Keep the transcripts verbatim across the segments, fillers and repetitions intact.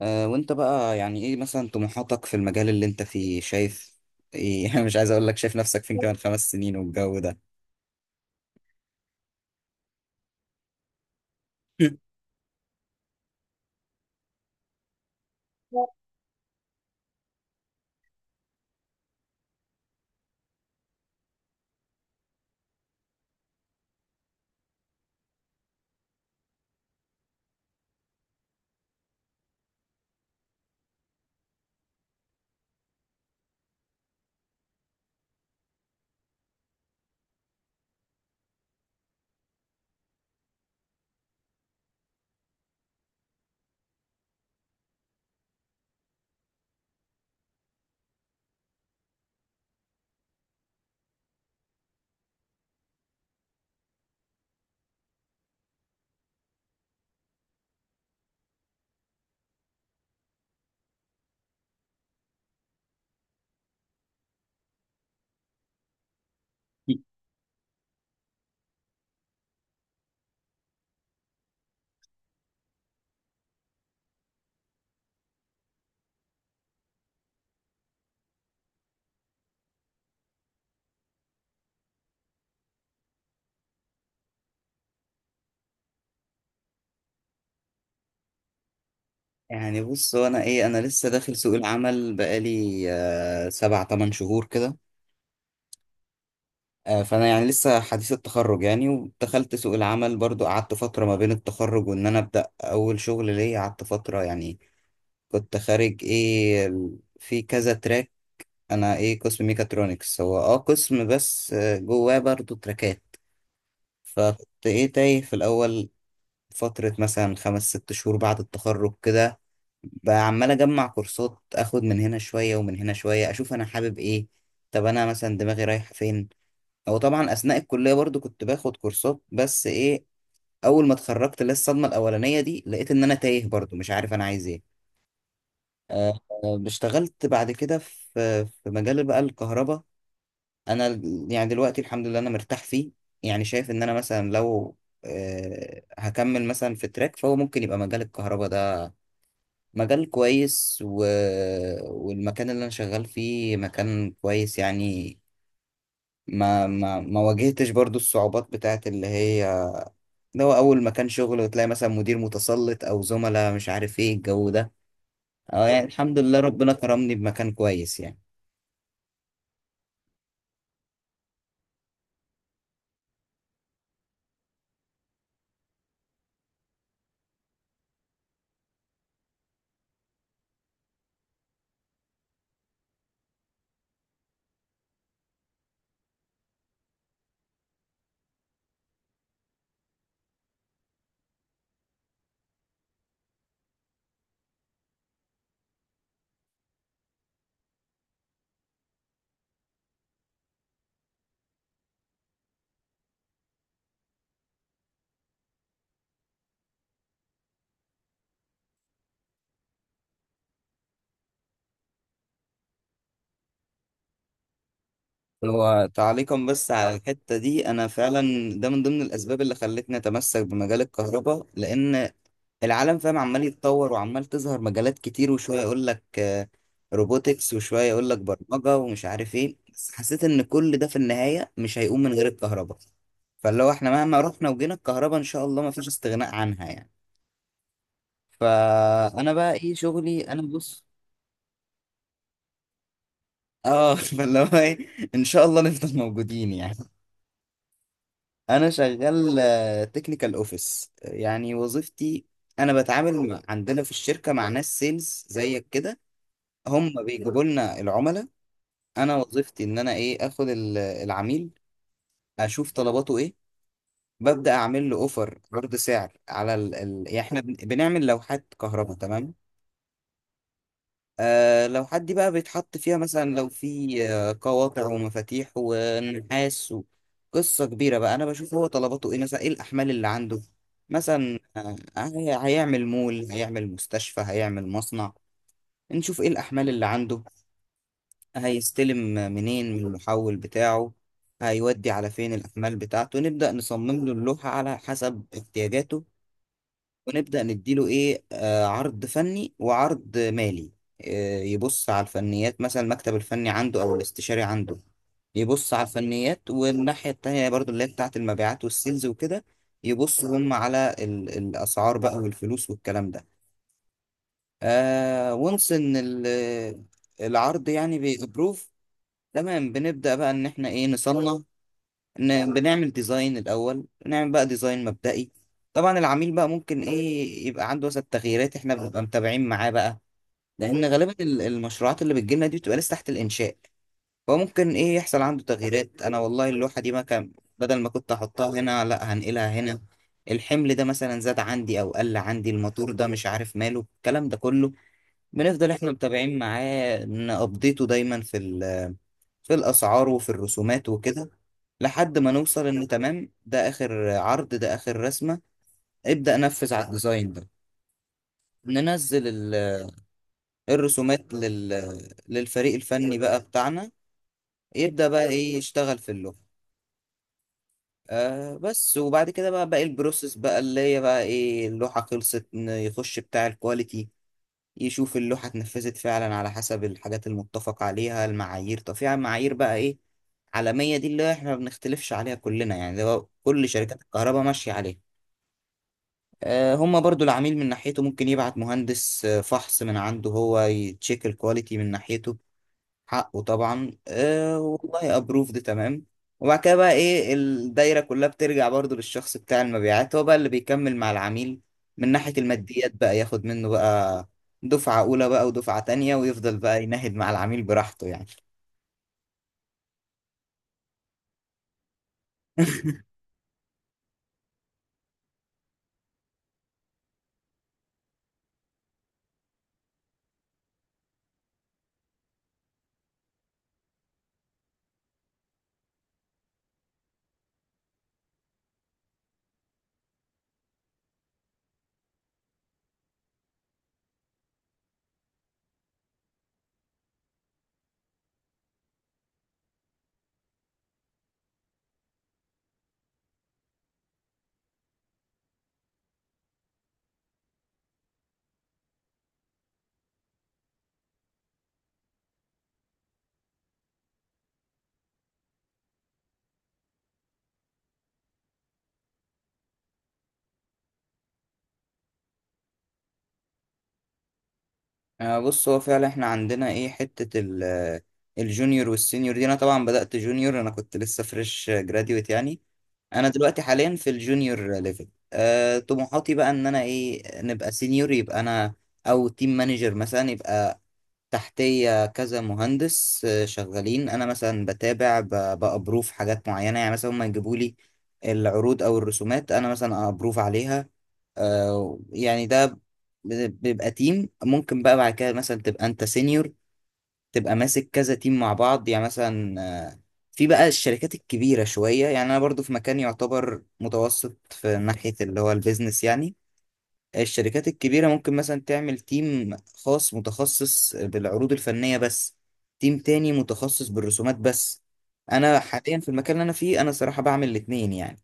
آه وانت بقى يعني ايه مثلا طموحاتك في المجال اللي انت فيه شايف ايه؟ أنا مش عايز اقول لك، شايف نفسك فين كمان خمس سنين والجو ده؟ يعني بص، هو انا ايه، انا لسه داخل سوق العمل بقالي آه سبع تمن شهور كده. آه فانا يعني لسه حديث التخرج يعني، ودخلت سوق العمل برضو، قعدت فترة ما بين التخرج وان انا ابدا اول شغل ليا، قعدت فترة يعني كنت خارج ايه ال- في كذا تراك. انا ايه قسم ميكاترونكس، هو اه قسم بس آه، جواه برضو تراكات. فكنت ايه تايه في الاول فترة مثلا خمس ست شهور بعد التخرج كده، بقى عمال اجمع كورسات، اخد من هنا شوية ومن هنا شوية، اشوف انا حابب ايه، طب انا مثلا دماغي رايحة فين. او طبعا اثناء الكلية برضو كنت باخد كورسات، بس ايه، اول ما اتخرجت لسه الصدمة الاولانية دي، لقيت ان انا تايه برضو مش عارف انا عايز ايه. آه، آه، اشتغلت بعد كده في في مجال بقى الكهرباء. انا ال- يعني دلوقتي الحمد لله انا مرتاح فيه، يعني شايف ان انا مثلا لو آه، هكمل مثلا في تراك، فهو ممكن يبقى مجال الكهرباء ده مجال كويس، و... والمكان اللي انا شغال فيه مكان كويس يعني. ما ما ما واجهتش برضو الصعوبات بتاعت اللي هي لو اول مكان شغل وتلاقي مثلا مدير متسلط او زملاء مش عارف ايه الجو ده. اه يعني الحمد لله ربنا كرمني بمكان كويس يعني. هو تعليقا بس على الحتة دي، أنا فعلا ده من ضمن الأسباب اللي خلتني أتمسك بمجال الكهرباء، لأن العالم فاهم عمال يتطور وعمال تظهر مجالات كتير، وشوية يقول لك روبوتكس وشوية يقول لك برمجة ومش عارف إيه، بس حسيت إن كل ده في النهاية مش هيقوم من غير الكهرباء. فاللي هو إحنا مهما رحنا وجينا، الكهرباء إن شاء الله مفيش استغناء عنها يعني. فأنا بقى إيه شغلي، أنا بص، آه فاللي هو إيه إن شاء الله نفضل موجودين يعني. انا شغال تكنيكال اوفيس يعني وظيفتي. انا بتعامل مع- عندنا في الشركه مع ناس سيلز زيك كده، هم بيجيبوا لنا العملاء. انا وظيفتي ان انا ايه اخد ال- العميل، اشوف طلباته ايه، ببدا اعمل له اوفر عرض سعر على ال... ال... يعني احنا بن- بنعمل لوحات كهرباء تمام. آه لو حد بقى بيتحط فيها، مثلا لو في آه قواقع ومفاتيح ونحاس، قصة كبيرة بقى، أنا بشوف هو طلباته إيه، مثلا إيه الأحمال اللي عنده، مثلا آه هي- هيعمل مول، هيعمل مستشفى، هيعمل مصنع. نشوف إيه الأحمال اللي عنده، هيستلم منين من المحول بتاعه، هيودي على فين الأحمال بتاعته، نبدأ نصمم له اللوحة على حسب احتياجاته، ونبدأ نديله إيه، آه عرض فني وعرض مالي. آه يبص على الفنيات مثلا المكتب الفني عنده أو الاستشاري عنده، يبص على الفنيات، والناحية التانية برضو اللي هي بتاعة المبيعات والسيلز وكده، يبصوا هم على ال- الأسعار بقى والفلوس والكلام ده. آه وانس إن ال- العرض يعني بيبروف، تمام، بنبدأ بقى إن إحنا إيه نصنف، ن- بنعمل ديزاين الأول، نعمل بقى ديزاين مبدئي. طبعا العميل بقى ممكن إيه يبقى عنده مثلا تغييرات، إحنا بنبقى متابعين معاه بقى، لأن غالبا ال- المشروعات اللي بتجيلنا دي بتبقى لسه تحت الإنشاء، فممكن إيه يحصل عنده تغييرات. أنا والله اللوحة دي ما كان، بدل ما كنت أحطها هنا لأ هنقلها هنا، الحمل ده مثلا زاد عندي أو قل عندي، الموتور ده مش عارف ماله، الكلام ده كله بنفضل إحنا متابعين معاه، نأبديته دايما في في الأسعار وفي الرسومات وكده، لحد ما نوصل إن تمام، ده آخر عرض ده آخر رسمة، ابدأ نفذ على الديزاين ده. ننزل ال- الرسومات لل... للفريق الفني بقى بتاعنا، يبدأ بقى إيه يشتغل في اللوحة. آه بس وبعد كده بقى باقي البروسيس بقى اللي هي بقى إيه اللوحة خلصت، ن- يخش بتاع الكواليتي يشوف اللوحة اتنفذت فعلا على حسب الحاجات المتفق عليها، المعايير، طب في معايير بقى ايه عالمية دي اللي احنا ما بنختلفش عليها كلنا يعني، ده كل شركات الكهرباء ماشية عليها. آه، هما برضو العميل من ناحيته ممكن يبعت مهندس، آه، فحص من عنده هو، يتشيك الكواليتي من ناحيته حقه طبعا. أه والله ابروف ده تمام، وبعد كده بقى ايه الدايره كلها بترجع برضو للشخص بتاع المبيعات، هو بقى اللي بيكمل مع العميل من ناحيه الماديات بقى، ياخد منه بقى دفعه اولى بقى ودفعه تانية، ويفضل بقى يناهد مع العميل براحته يعني. آه، بص، هو فعلا احنا عندنا ايه حتة ال- آه، الجونيور والسينيور دي، انا طبعا بدأت جونيور، انا كنت لسه فريش جراديويت يعني. انا دلوقتي حاليا في الجونيور ليفل، أه طموحاتي بقى ان انا ايه نبقى سينيور، يبقى انا او تيم مانجر مثلا، يبقى تحتية كذا مهندس آه، شغالين، انا مثلا بتابع ب- بأبروف حاجات معينة يعني، مثلا هم يجيبوا لي العروض او الرسومات انا مثلا ابروف عليها. آه يعني ده ب- بيبقى تيم، ممكن بقى بعد كده مثلا تبقى انت سينيور، تبقى ماسك كذا تيم مع بعض يعني، مثلا آه، في بقى الشركات الكبيرة شوية، يعني انا برضو في مكان يعتبر متوسط في ناحية اللي هو البيزنس يعني. الشركات الكبيرة ممكن مثلا تعمل تيم خاص متخصص بالعروض الفنية بس، تيم تاني متخصص بالرسومات بس. أنا حاليا في المكان اللي أنا فيه، أنا صراحة بعمل الاتنين يعني،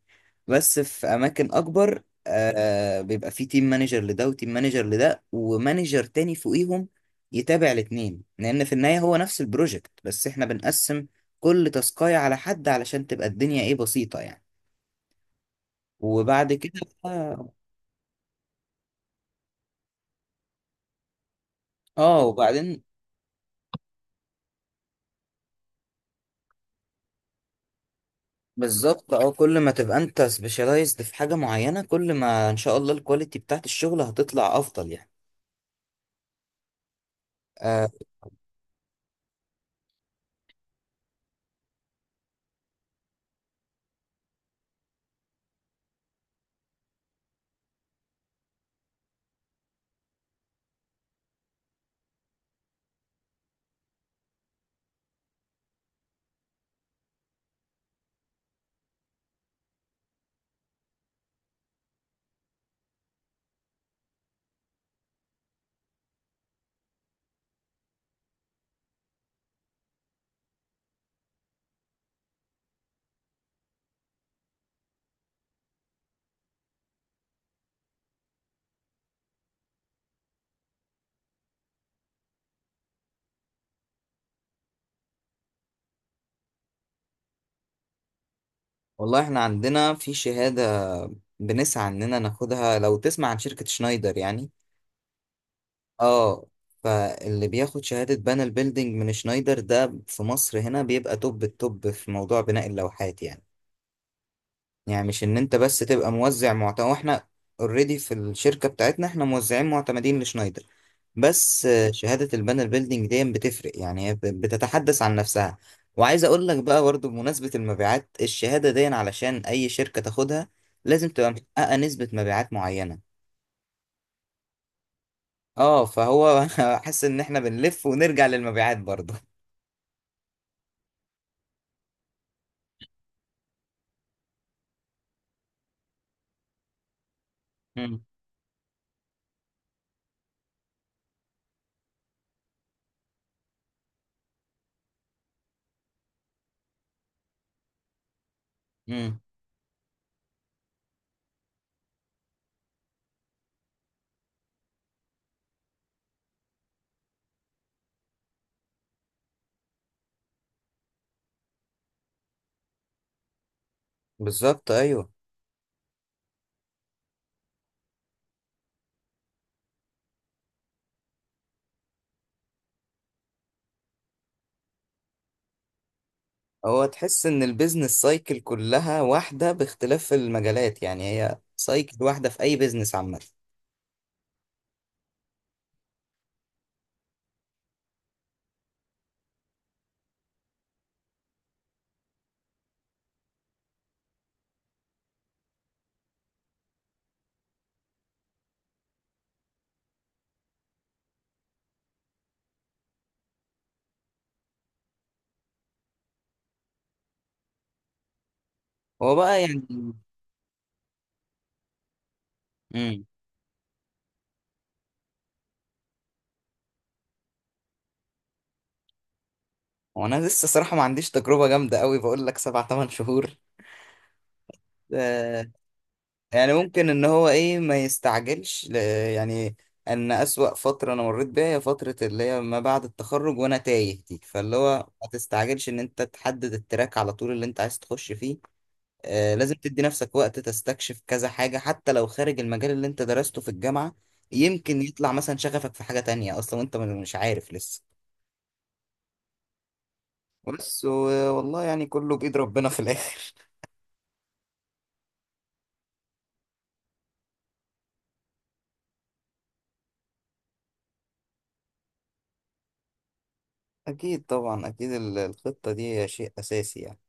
بس في أماكن أكبر آه بيبقى فيه تيم مانجر لده وتيم مانجر لده ومانجر تاني فوقيهم يتابع الاتنين، لأن في النهاية هو نفس البروجكت بس إحنا بنقسم كل تاسكاية على حد علشان تبقى الدنيا إيه بسيطة يعني. وبعد كده بقى- اه وبعدين بالظبط، اه كل ما تبقى انت سبيشالايزد في حاجة معينة، كل ما ان شاء الله الكواليتي بتاعت الشغل هتطلع افضل يعني. آه والله احنا عندنا في شهادة بنسعى اننا ناخدها، لو تسمع عن شركة شنايدر يعني، اه فاللي بياخد شهادة بانل بيلدينج من شنايدر ده في مصر هنا بيبقى توب التوب في موضوع بناء اللوحات يعني. يعني مش ان انت بس تبقى موزع معتمد، واحنا اوريدي في الشركة بتاعتنا احنا موزعين معتمدين لشنايدر، بس آه، شهادة البانل بيلدينج دي بتفرق يعني، هي ب- بتتحدث عن نفسها. وعايز اقول لك بقى برضه بمناسبة المبيعات، الشهادة دي علشان اي شركة تاخدها لازم تبقى محققة نسبة مبيعات معينة. اه فهو حاسس ان احنا بنلف ونرجع للمبيعات برضه. امم بالظبط ايوه. هو تحس ان البيزنس سايكل كلها واحدة باختلاف المجالات يعني، هي سايكل واحدة في اي بيزنس عامة. هو بقى يعني امم هو انا لسه صراحة ما عنديش تجربة جامدة قوي، بقول لك سبع تمن شهور. آه يعني ممكن ان هو ايه ما يستعجلش ل- يعني ان اسوأ فترة انا مريت بيها هي فترة اللي هي ما بعد التخرج وانا تايه دي، فاللي هو ما تستعجلش ان انت تحدد التراك على طول اللي انت عايز تخش فيه. آه، لازم تدي نفسك وقت تستكشف كذا حاجة حتى لو خارج المجال اللي انت درسته في الجامعة، يمكن يطلع مثلا شغفك في حاجة تانية اصلا وانت م- مش عارف لسه. بس و- والله يعني كله بإيد ربنا في الآخر. أكيد طبعا أكيد ال- الخطة دي شيء أساسي يعني.